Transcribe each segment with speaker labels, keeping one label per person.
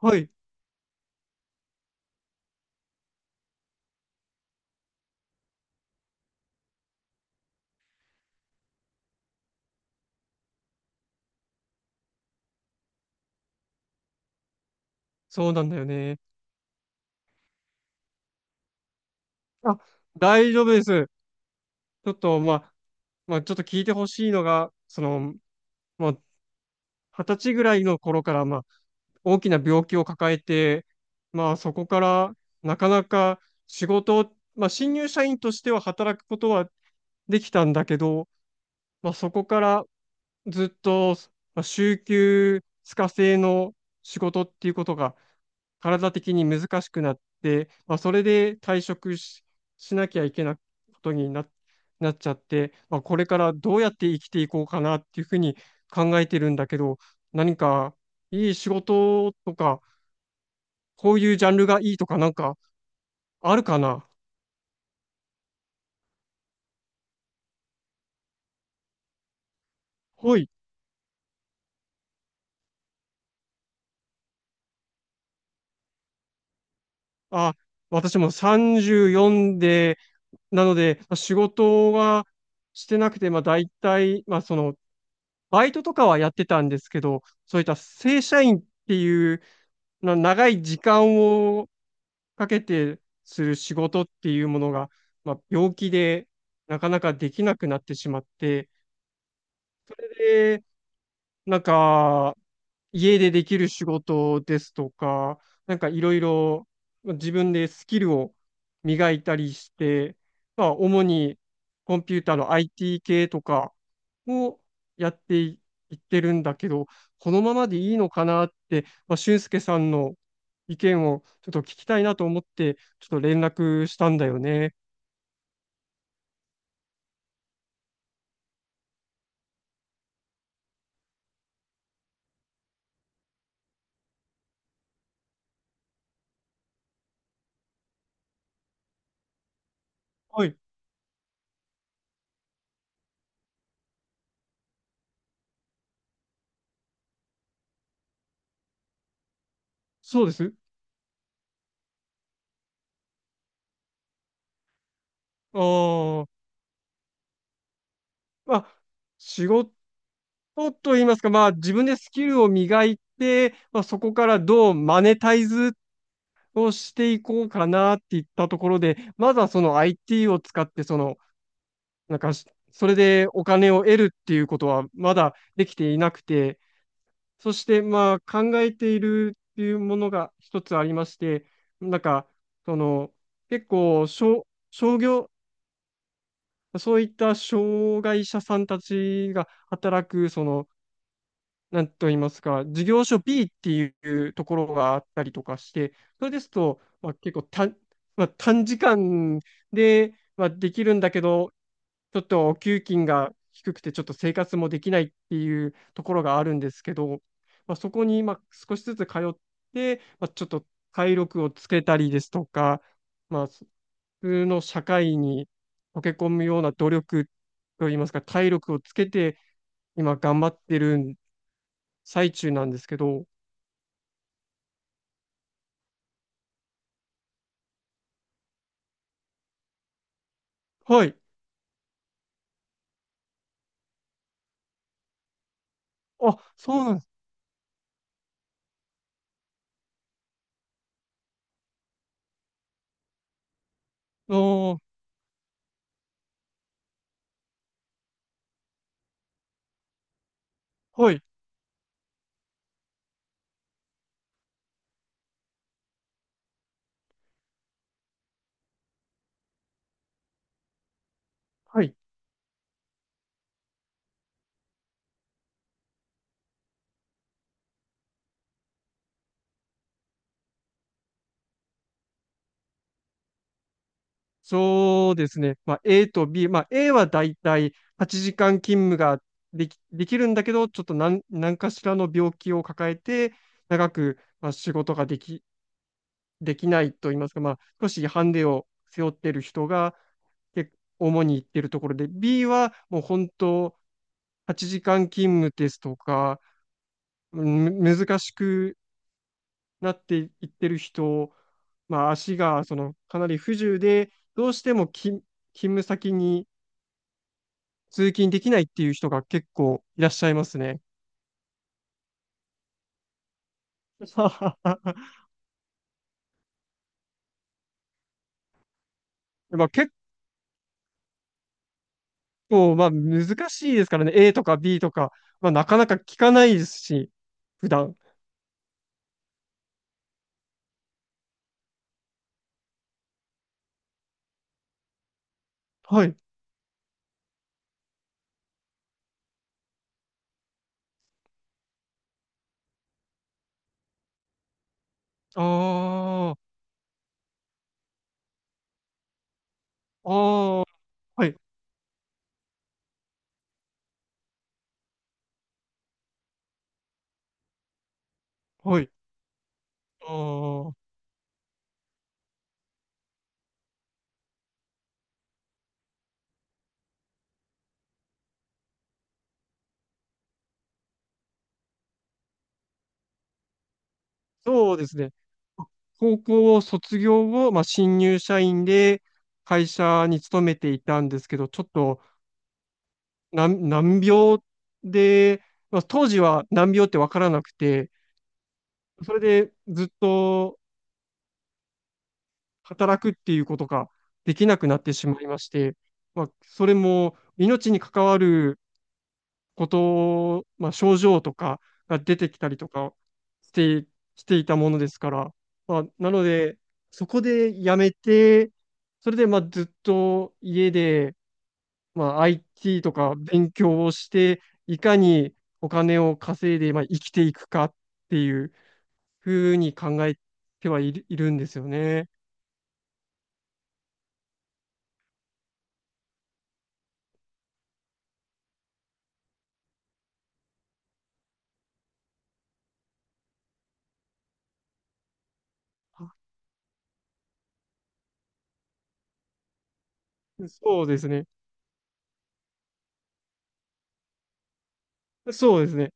Speaker 1: はい、そうなんだよね。あ、大丈夫です。ちょっと、まあ、ちょっと聞いてほしいのが、その、まあ、二十歳ぐらいの頃から、まあ、大きな病気を抱えて、まあ、そこから、なかなか仕事を、まあ、新入社員としては働くことはできたんだけど、まあ、そこから、ずっと、まあ週休2日制の仕事っていうことが体的に難しくなって、まあ、それで退職しなきゃいけないことなっちゃって、まあ、これからどうやって生きていこうかなっていうふうに考えてるんだけど、何かいい仕事とか、こういうジャンルがいいとかなんかあるかな。はい。あ、私も34でなので、ま、仕事はしてなくて、ま、大体、ま、その、バイトとかはやってたんですけど、そういった正社員っていう、長い時間をかけてする仕事っていうものが、まあ、病気でなかなかできなくなってしまって、でなんか、家でできる仕事ですとか、なんかいろいろ自分でスキルを磨いたりして、まあ、主にコンピューターの IT 系とかをやってい、いってるんだけど、このままでいいのかなって、まあ、俊介さんの意見をちょっと聞きたいなと思って、ちょっと連絡したんだよね。はい、そうです。ああ、まあ、仕事と言いますか、まあ自分でスキルを磨いて、まあ、そこからどうマネタイズをしていこうかなっていったところで、まずはその IT を使って、その、なんかし、それでお金を得るっていうことはまだできていなくて、そしてまあ考えているっていうものが一つありまして、なんか、その、結構、商業、そういった障害者さんたちが働く、その、なんと言いますか、事業所 B っていうところがあったりとかして、それですと、まあ、結構短、まあ、短時間で、まあ、できるんだけど、ちょっとお給金が低くて、ちょっと生活もできないっていうところがあるんですけど、まあ、そこにまあ少しずつ通って、まあ、ちょっと体力をつけたりですとか、まあ、普通の社会に溶け込むような努力といいますか、体力をつけて、今頑張ってる最中なんですけど、はい。あ、そうなんです。あー、はい。はい。そうですね。まあ、A と B。まあ、A はだいたい8時間勤務ができるんだけど、ちょっと何かしらの病気を抱えて、長く、まあ、仕事ができないと言いますか、まあ、少しハンデを背負っている人が、結構主に行ってるところで、B はもう本当、8時間勤務ですとか、難しくなっていってる人、まあ、足がそのかなり不自由で、どうしても勤務先に通勤できないっていう人が結構いらっしゃいますね。まあ、結構、まあ、難しいですからね。A とか B とか、まあ、なかなか聞かないですし、普段。はい。ああ、ああ、はい、はい。ああ、そうですね。高校を卒業後、まあ、新入社員で会社に勤めていたんですけど、ちょっと難病で、まあ、当時は難病ってわからなくて、それでずっと働くっていうことができなくなってしまいまして、まあ、それも命に関わることをまあ、症状とかが出てきたりとかして、していたものですから、まあ、なので、そこで辞めて、それでまあずっと家でまあ、IT とか勉強をして、いかにお金を稼いで、まあ、生きていくかっていうふうに考えてはいるんですよね。あ、そうですね。そうですね。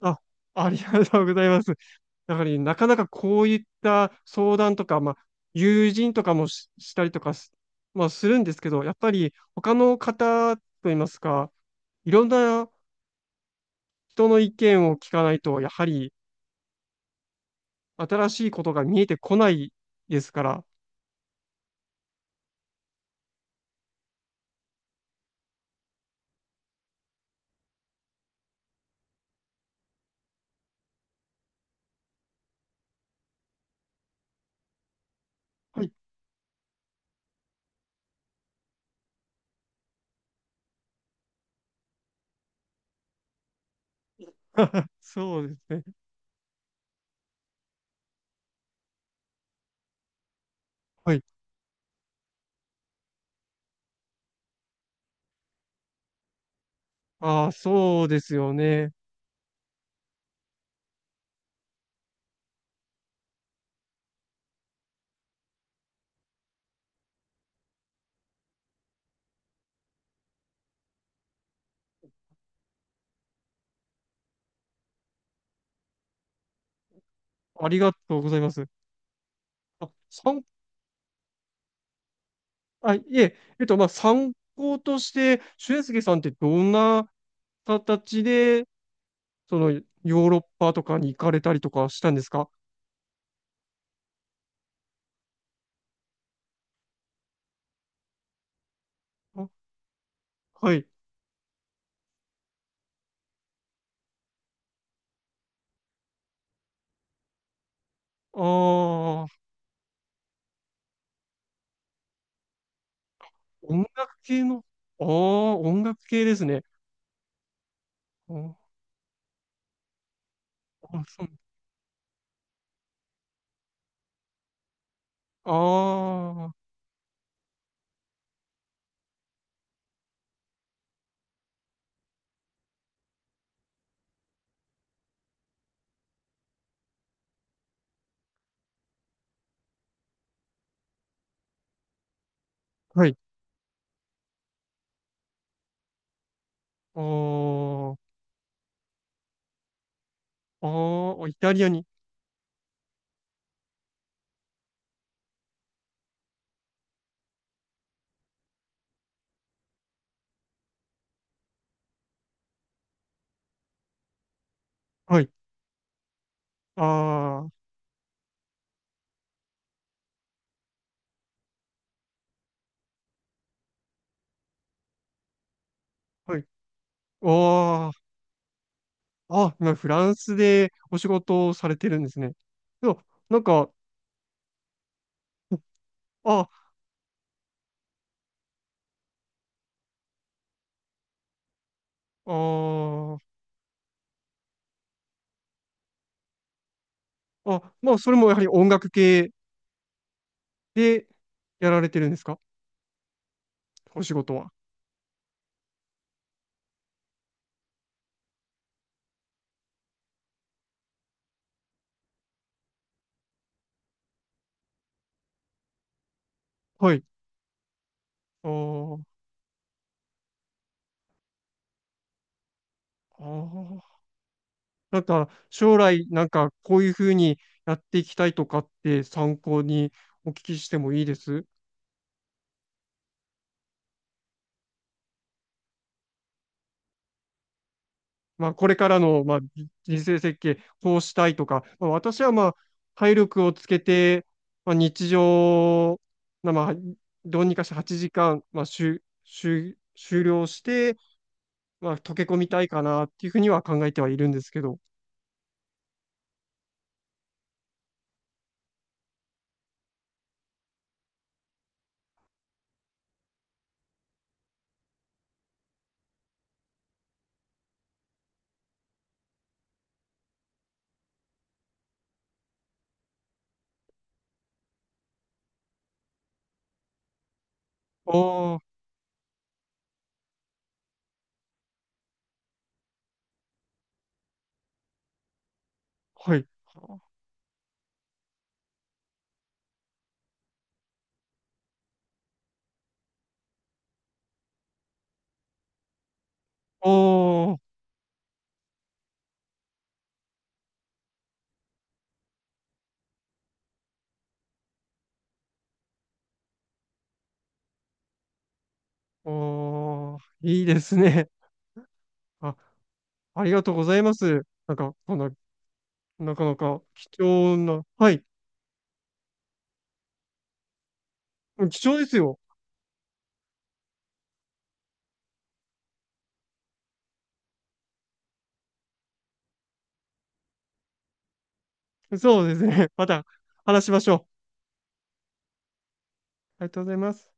Speaker 1: あ、ありがとうございます。だから、なかなかこういった相談とか、まあ、友人とかもし、したりとかす、まあ、するんですけど、やっぱり他の方といいますか、いろんな人の意見を聞かないと、やはり新しいことが見えてこないですから。はい。そうですね。はい。ああ、そうですよね。ありがとうございます。あ、参あ、いえ、まあ、参考として、俊介さんってどんな形で、その、ヨーロッパとかに行かれたりとかしたんですか？あ、はい。ああ、音楽系の、ああ、音楽系ですね。あー、あそう。ああ、はい。ああ、ああ、イタリアに。はい。ああ、はい。ああ、あ、フランスでお仕事をされてるんですね。でも、なんか、あ、あー、あ、まあ、それもやはり音楽系でやられてるんですか？お仕事は。はい。あー、あー、なんか、将来、なんか、こういうふうにやっていきたいとかって参考にお聞きしてもいいですまあ、これからの、まあ、人生設計、こうしたいとか、まあ、私は、まあ、体力をつけて、まあ、日常、まあ、どうにかして8時間、まあ、しゅしゅ終了して、まあ、溶け込みたいかなっていうふうには考えてはいるんですけど。ああ、はい。おー、おー、いいですね。あ、ありがとうございます。なんか、こんな、なかなか貴重な、はい、貴重ですよ。そうですね。また話しましょう。ありがとうございます。